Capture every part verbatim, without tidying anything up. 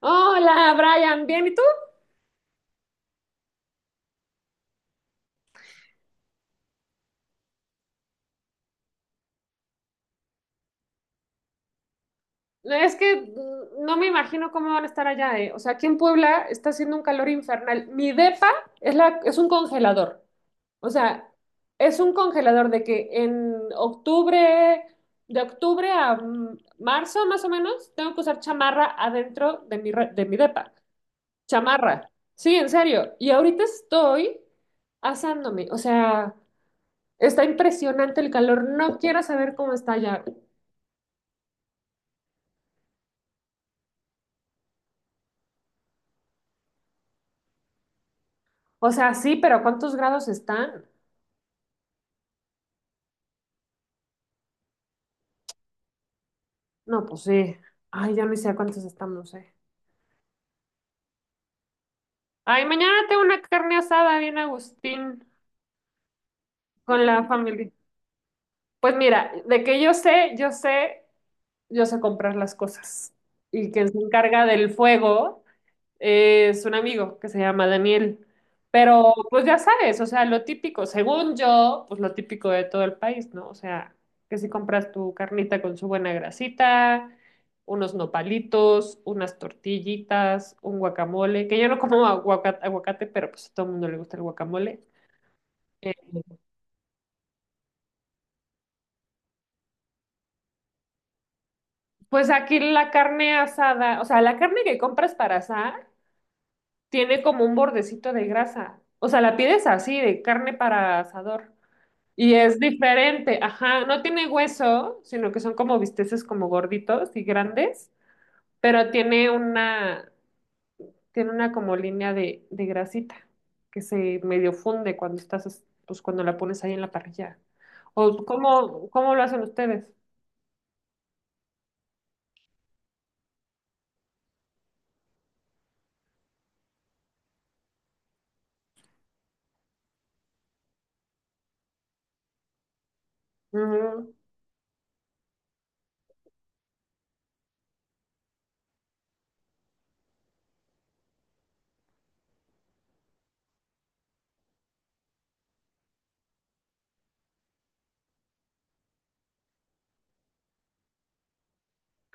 Hola, Brian, bien, ¿y tú? Es que mm, no me imagino cómo van a estar allá, ¿eh? O sea, aquí en Puebla está haciendo un calor infernal. Mi depa es la, es un congelador. O sea, es un congelador de que en octubre, de octubre a mm, marzo más o menos, tengo que usar chamarra adentro de mi, re- de mi depa. Chamarra. Sí, en serio. Y ahorita estoy asándome. O sea, está impresionante el calor. No quiero saber cómo está allá. O sea, sí, pero ¿cuántos grados están? No, pues sí. Ay, ya no sé a cuántos estamos, eh. Ay, mañana tengo una carne asada bien Agustín con la familia. Pues mira, de que yo sé, yo sé, yo sé comprar las cosas. Y quien se encarga del fuego es un amigo que se llama Daniel. Pero pues ya sabes, o sea, lo típico, según yo, pues lo típico de todo el país, ¿no? O sea, que si compras tu carnita con su buena grasita, unos nopalitos, unas tortillitas, un guacamole, que yo no como aguaca- aguacate, pero pues a todo el mundo le gusta el guacamole. Eh, pues aquí la carne asada, o sea, la carne que compras para asar tiene como un bordecito de grasa. O sea, la pides así, de carne para asador. Y es diferente, ajá, no tiene hueso, sino que son como bisteces como gorditos y grandes, pero tiene una, tiene una como línea de, de grasita que se medio funde cuando estás, es- pues cuando la pones ahí en la parrilla. ¿O cómo, cómo lo hacen ustedes? Ujú.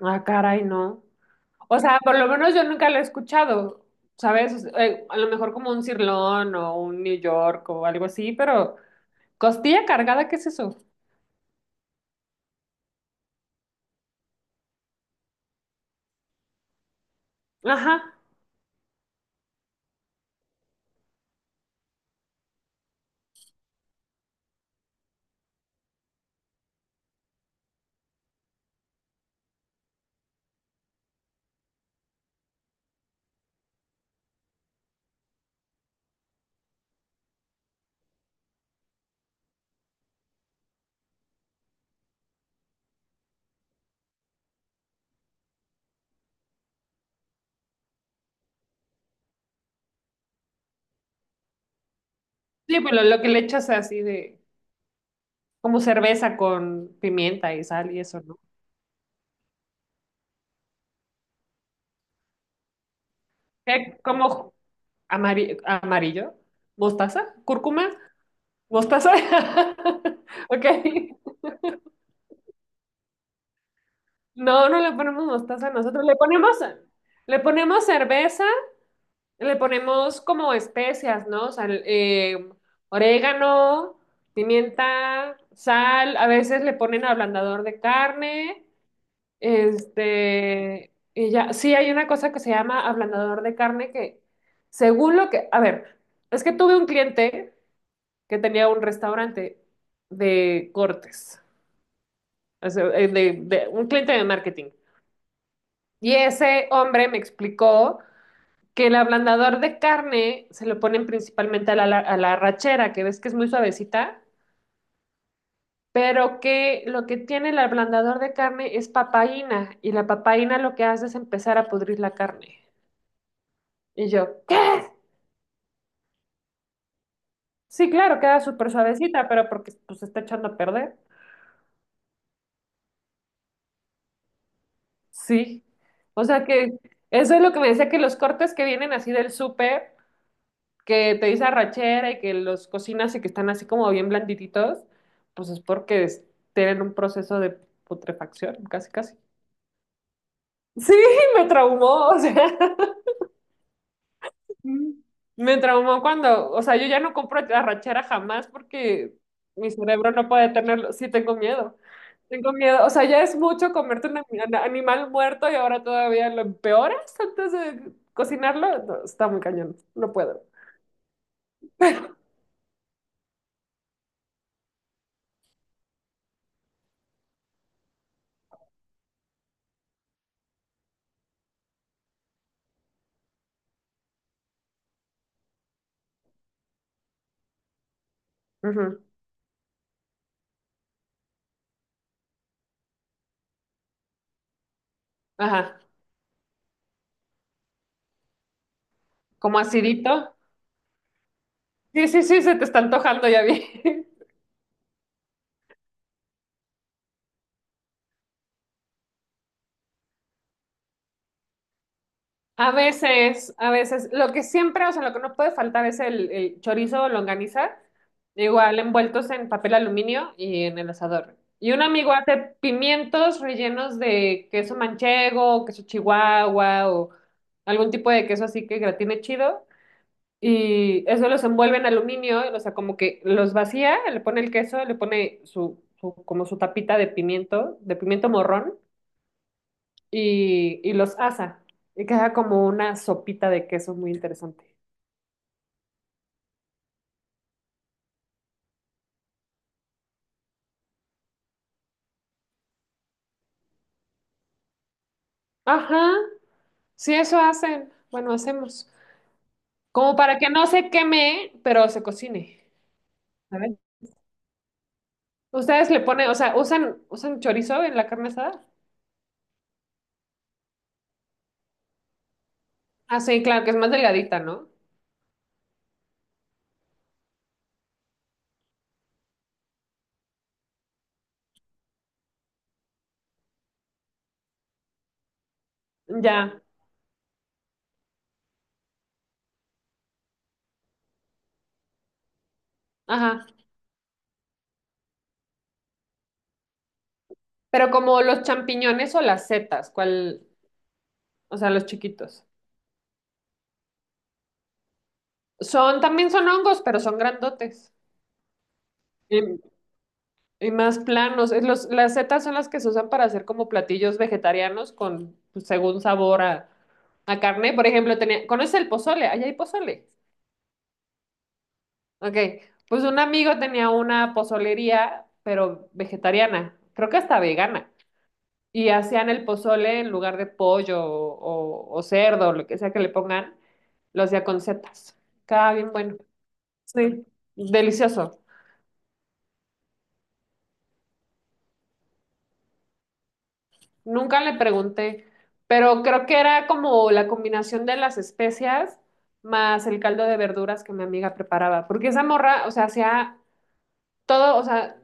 Ah, caray, no. O sea, por lo menos yo nunca lo he escuchado, ¿sabes? O sea, eh, a lo mejor como un cirlón o un New York o algo así, pero costilla cargada, ¿qué es eso? Ajá. Sí, pero lo que le echas así de, como cerveza con pimienta y sal y eso, ¿no? ¿Qué? ¿Cómo? Amari- amarillo, mostaza, cúrcuma, mostaza. Ok. No, no le ponemos mostaza, nosotros le ponemos, le ponemos cerveza, le ponemos como especias, ¿no? O sea, eh, orégano, pimienta, sal, a veces le ponen ablandador de carne. Este, y ya, sí hay una cosa que se llama ablandador de carne que, según lo que, a ver, es que tuve un cliente que tenía un restaurante de cortes, o sea, eh, de, de- un cliente de marketing. Y ese hombre me explicó que el ablandador de carne se lo ponen principalmente a la, la- a la arrachera, que ves que es muy suavecita, pero que lo que tiene el ablandador de carne es papaína, y la papaína lo que hace es empezar a pudrir la carne. Y yo, ¿qué? Sí, claro, queda súper suavecita, pero porque pues se está echando a perder. Sí. O sea que eso es lo que me decía que los cortes que vienen así del súper, que te dice arrachera y que los cocinas y que están así como bien blandititos, pues es porque es- tienen un proceso de putrefacción, casi casi. Sí, me traumó, o sea. Mm. Me traumó cuando, o sea, yo ya no compro arrachera jamás porque mi cerebro no puede tenerlo. Sí, tengo miedo. Tengo miedo. O sea, ya es mucho comerte un ani- an- animal muerto y ahora todavía lo empeoras antes de cocinarlo. No, está muy cañón. No puedo. Ujú. Ajá. Como acidito. Sí, sí, sí, se te está antojando, ya vi. A veces, a veces, lo que siempre, o sea, lo que no puede faltar es el, el chorizo o longaniza, igual envueltos en papel aluminio y en el asador. Y un amigo hace pimientos rellenos de queso manchego, queso chihuahua o algún tipo de queso así que gratine chido. Y eso los envuelve en aluminio, o sea, como que los vacía, le pone el queso, le pone su, su como su tapita de pimiento, de pimiento morrón y, y los asa. Y queda como una sopita de queso muy interesante. Ajá, sí, eso hacen. Bueno, hacemos. Como para que no se queme, pero se cocine. Saben Ustedes le ponen, o sea, usan, usan chorizo en la carne asada. Ah, sí, claro, que es más delgadita, ¿no? Ya, ajá. Pero como los champiñones o las setas, ¿cuál? O sea, los chiquitos. Son, también son hongos, pero son grandotes. Eh, Y más planos. Es los, las setas son las que se usan para hacer como platillos vegetarianos con, pues, según sabor a, a carne. Por ejemplo, tenía, ¿conoces el pozole? Allá hay pozole. Ok. Pues un amigo tenía una pozolería, pero vegetariana. Creo que hasta vegana. Y hacían el pozole en lugar de pollo o, o- o cerdo, lo que sea que le pongan, lo hacía con setas. Estaba bien bueno. Sí. Delicioso. Nunca le pregunté, pero creo que era como la combinación de las especias más el caldo de verduras que mi amiga preparaba, porque esa morra, o sea, hacía todo, o sea,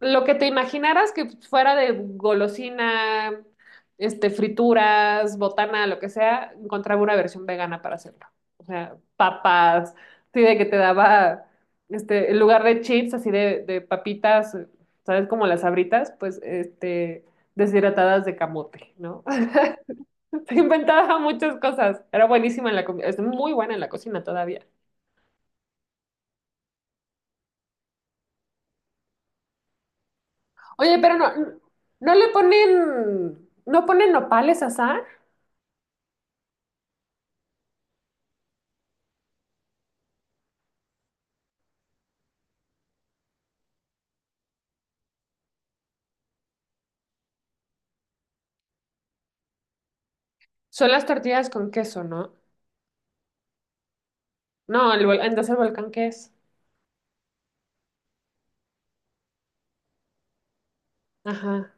lo que te imaginaras que fuera de golosina, este, frituras, botana, lo que sea, encontraba una versión vegana para hacerlo. O sea, papas, así de que te daba, este, en lugar de chips, así de, de papitas, ¿sabes? Como las Sabritas, pues, este, deshidratadas de camote, ¿no? Se inventaba muchas cosas. Era buenísima en la comida, es muy buena en la cocina todavía. Oye, pero no, no le ponen, no ponen nopales a asar. Son las tortillas con queso, ¿no? No, el vol- entonces el volcán qué es. Ajá,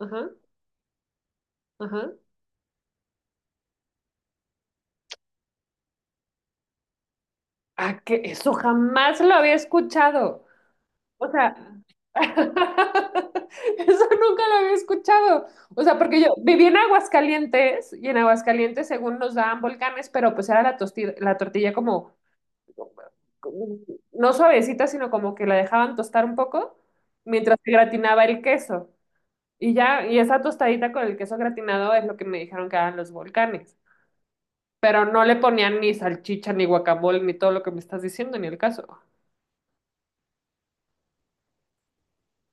ajá, ajá. Ah, que eso jamás lo había escuchado. O sea, eso nunca lo había escuchado. O sea, porque yo viví en Aguascalientes y en Aguascalientes, según nos daban volcanes, pero pues era la, tosti- la tortilla como no suavecita, sino como que la dejaban tostar un poco mientras se gratinaba el queso. Y ya, y esa tostadita con el queso gratinado es lo que me dijeron que eran los volcanes. Pero no le ponían ni salchicha, ni guacamole, ni todo lo que me estás diciendo, ni el caso.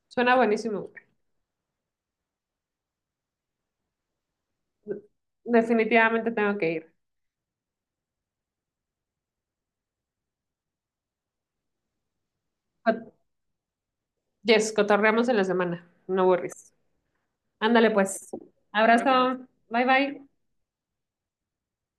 Suena buenísimo. Definitivamente tengo que ir. Cot- Yes, cotorreamos en la semana. No worries. Ándale pues. Abrazo. Bye bye.